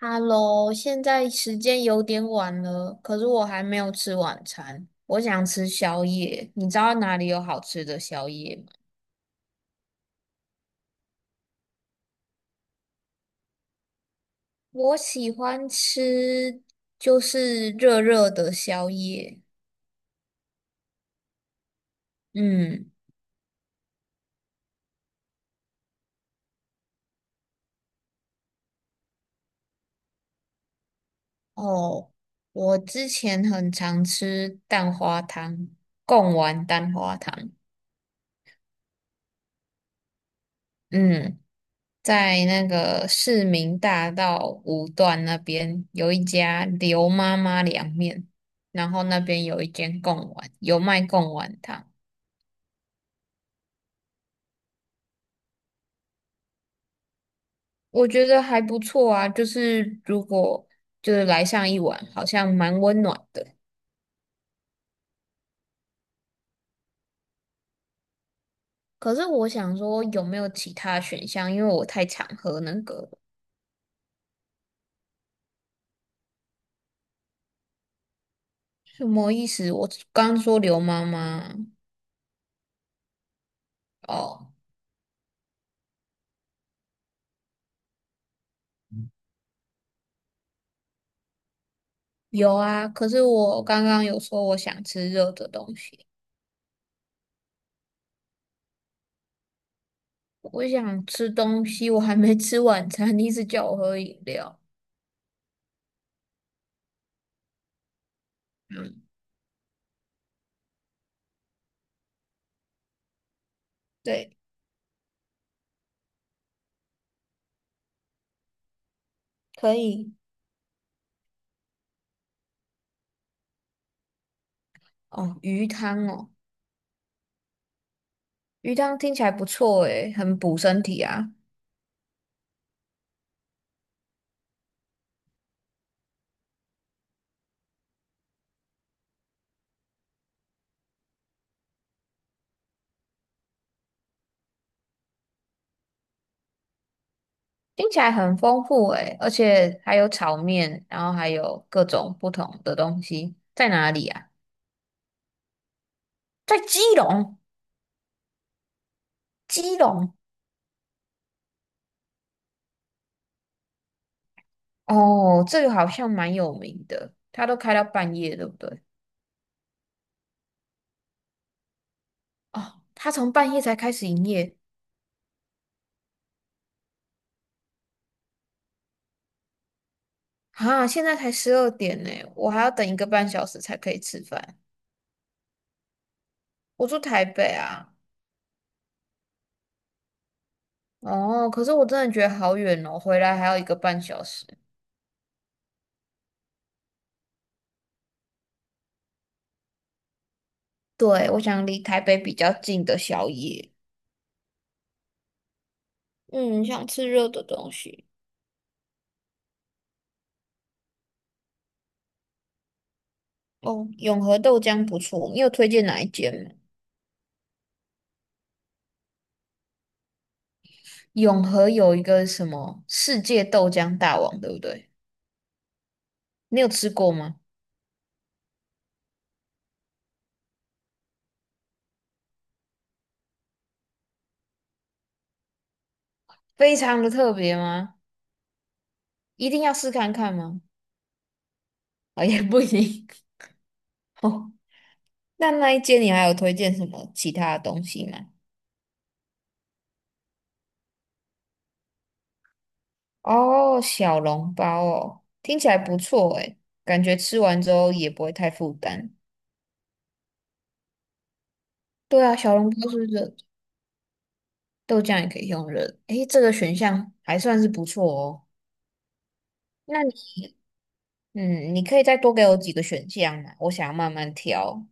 Hello，现在时间有点晚了，可是我还没有吃晚餐，我想吃宵夜。你知道哪里有好吃的宵夜吗？我喜欢吃就是热热的宵夜。嗯。哦，我之前很常吃蛋花汤，贡丸蛋花汤。嗯。在那个市民大道五段那边有一家刘妈妈凉面，然后那边有一间贡丸，有卖贡丸汤，我觉得还不错啊。就是如果就是来上一碗，好像蛮温暖的。可是我想说，有没有其他选项？因为我太常喝那个了。什么意思？我刚说刘妈妈。哦，有啊。可是我刚刚有说我想吃热的东西。我想吃东西，我还没吃晚餐，你一直叫我喝饮料。嗯。对，可以。哦，鱼汤哦，鱼汤听起来不错诶，很补身体啊。听起来很丰富诶，而且还有炒面，然后还有各种不同的东西。在哪里啊？在基隆，基隆。哦，这个好像蛮有名的，它都开到半夜，对不对？哦，它从半夜才开始营业。啊，现在才12点呢，我还要等一个半小时才可以吃饭。我住台北啊。哦，可是我真的觉得好远哦，回来还要一个半小时。对，我想离台北比较近的宵夜。嗯，想吃热的东西。哦，永和豆浆不错，你有推荐哪一间吗？永和有一个什么世界豆浆大王，对不对？你有吃过吗？非常的特别吗？一定要试看看吗？啊、也不行。定。那那一间你还有推荐什么其他的东西吗？哦，小笼包哦，听起来不错诶，感觉吃完之后也不会太负担。对啊，小笼包是热的，豆浆也可以用热的。诶，这个选项还算是不错哦。那你，嗯，你可以再多给我几个选项嘛，我想要慢慢挑。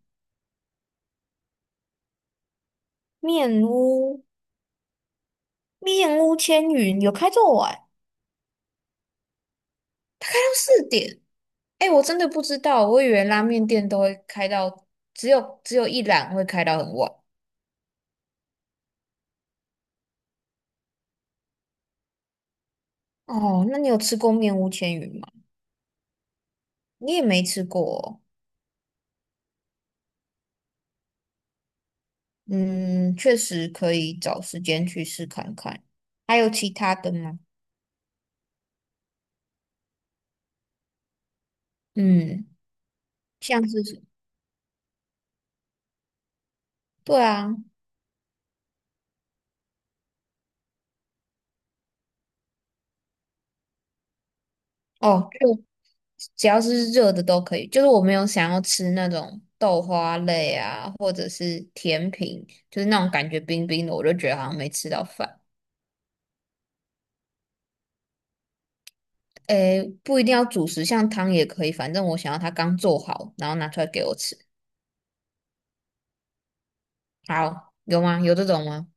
面屋。面屋千云有开这么晚？它开到四点。哎、我真的不知道，我以为拉面店都会开到只有一栏会开到很晚。哦，那你有吃过面屋千云吗？你也没吃过哦。嗯，确实可以找时间去试看看。还有其他的吗？嗯，像是什，对啊，哦，就只要是热的都可以。就是我没有想要吃那种豆花类啊，或者是甜品，就是那种感觉冰冰的，我就觉得好像没吃到饭。诶，不一定要主食，像汤也可以，反正我想要它刚做好，然后拿出来给我吃。好，有吗？有这种吗？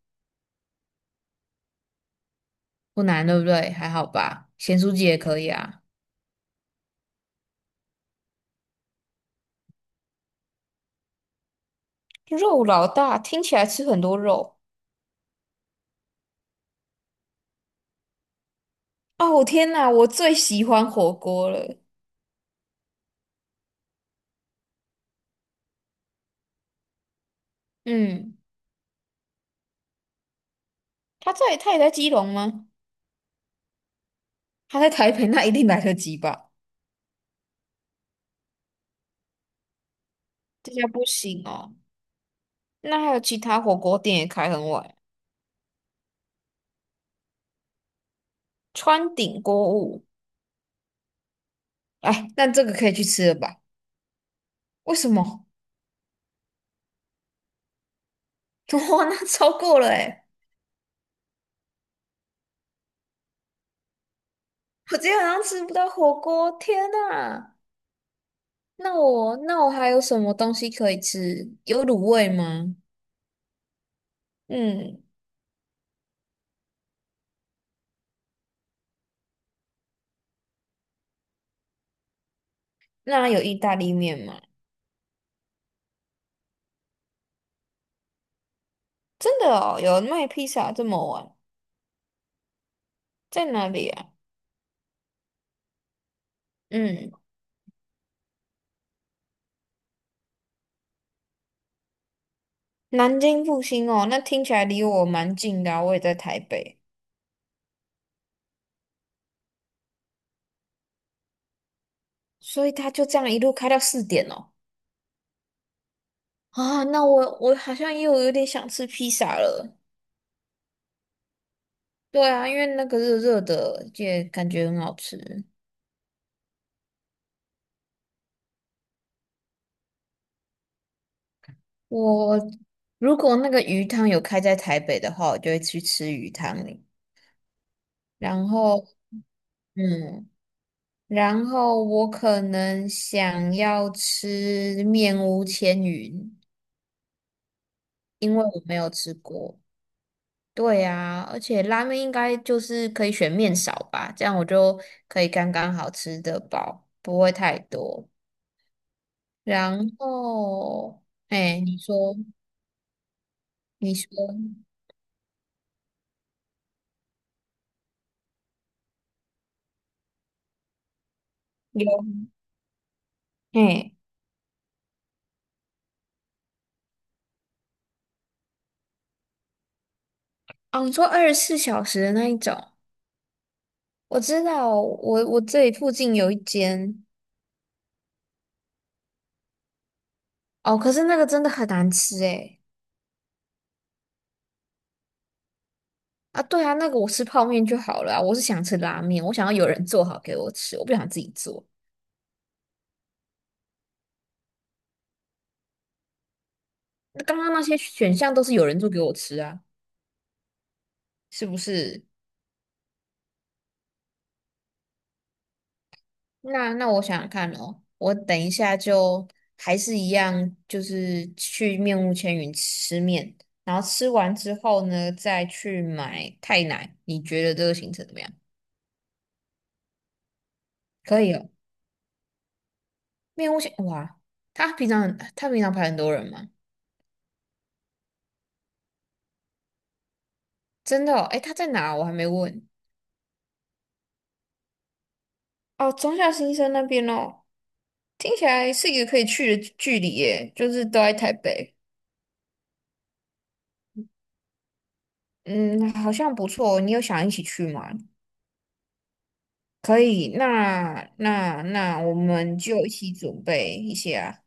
不难，对不对？还好吧，咸酥鸡也可以啊。肉老大听起来吃很多肉。哦，天哪，我最喜欢火锅了。嗯，他也在基隆吗？他在台北，那一定来得及吧？这家不行哦。那还有其他火锅店也开很晚，川鼎锅物。哎，那这个可以去吃了吧？为什么？哇，那超过了哎！我今天晚上吃不到火锅，天呐！那我还有什么东西可以吃？有卤味吗？嗯，那有意大利面吗？真的哦，有卖披萨这么晚，在哪里啊？嗯，南京复兴哦，那听起来离我蛮近的啊我也在台北。所以他就这样一路开到四点哦。啊，那我好像又有点想吃披萨了。对啊，因为那个热热的也感觉很好吃。我如果那个鱼汤有开在台北的话，我就会去吃鱼汤。然后，嗯。然后我可能想要吃面屋千云，因为我没有吃过。对啊，而且拉面应该就是可以选面少吧，这样我就可以刚刚好吃的饱，不会太多。然后，哎，你说，你说有，哎，哦，你说24小时的那一种，我知道，我这里附近有一间。哦，可是那个真的很难吃，哎。啊，对啊，那个我吃泡面就好了啊我是想吃拉面，我想要有人做好给我吃，我不想自己做。那刚刚那些选项都是有人做给我吃啊，是不是？那我想想看哦，我等一下就还是一样，就是去面屋千云吃面，然后吃完之后呢，再去买泰奶。你觉得这个行程怎么样？可以哦，面屋千，哇，他平常排很多人吗？真的哦，诶，他在哪？我还没问。哦，中校新生那边哦。听起来是一个可以去的距离耶，就是都在台北。嗯，好像不错。你有想一起去吗？可以，那我们就一起准备一下。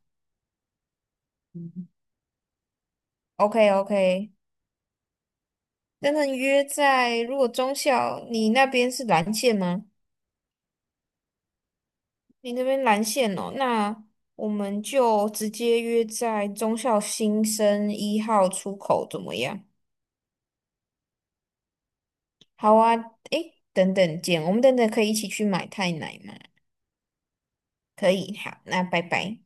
OK OK，真的约在如果中校你那边是蓝线吗？你那边蓝线哦，那我们就直接约在中校新生1号出口怎么样？好啊，诶，等等见，我们等等可以一起去买太奶吗？可以，好，那拜拜。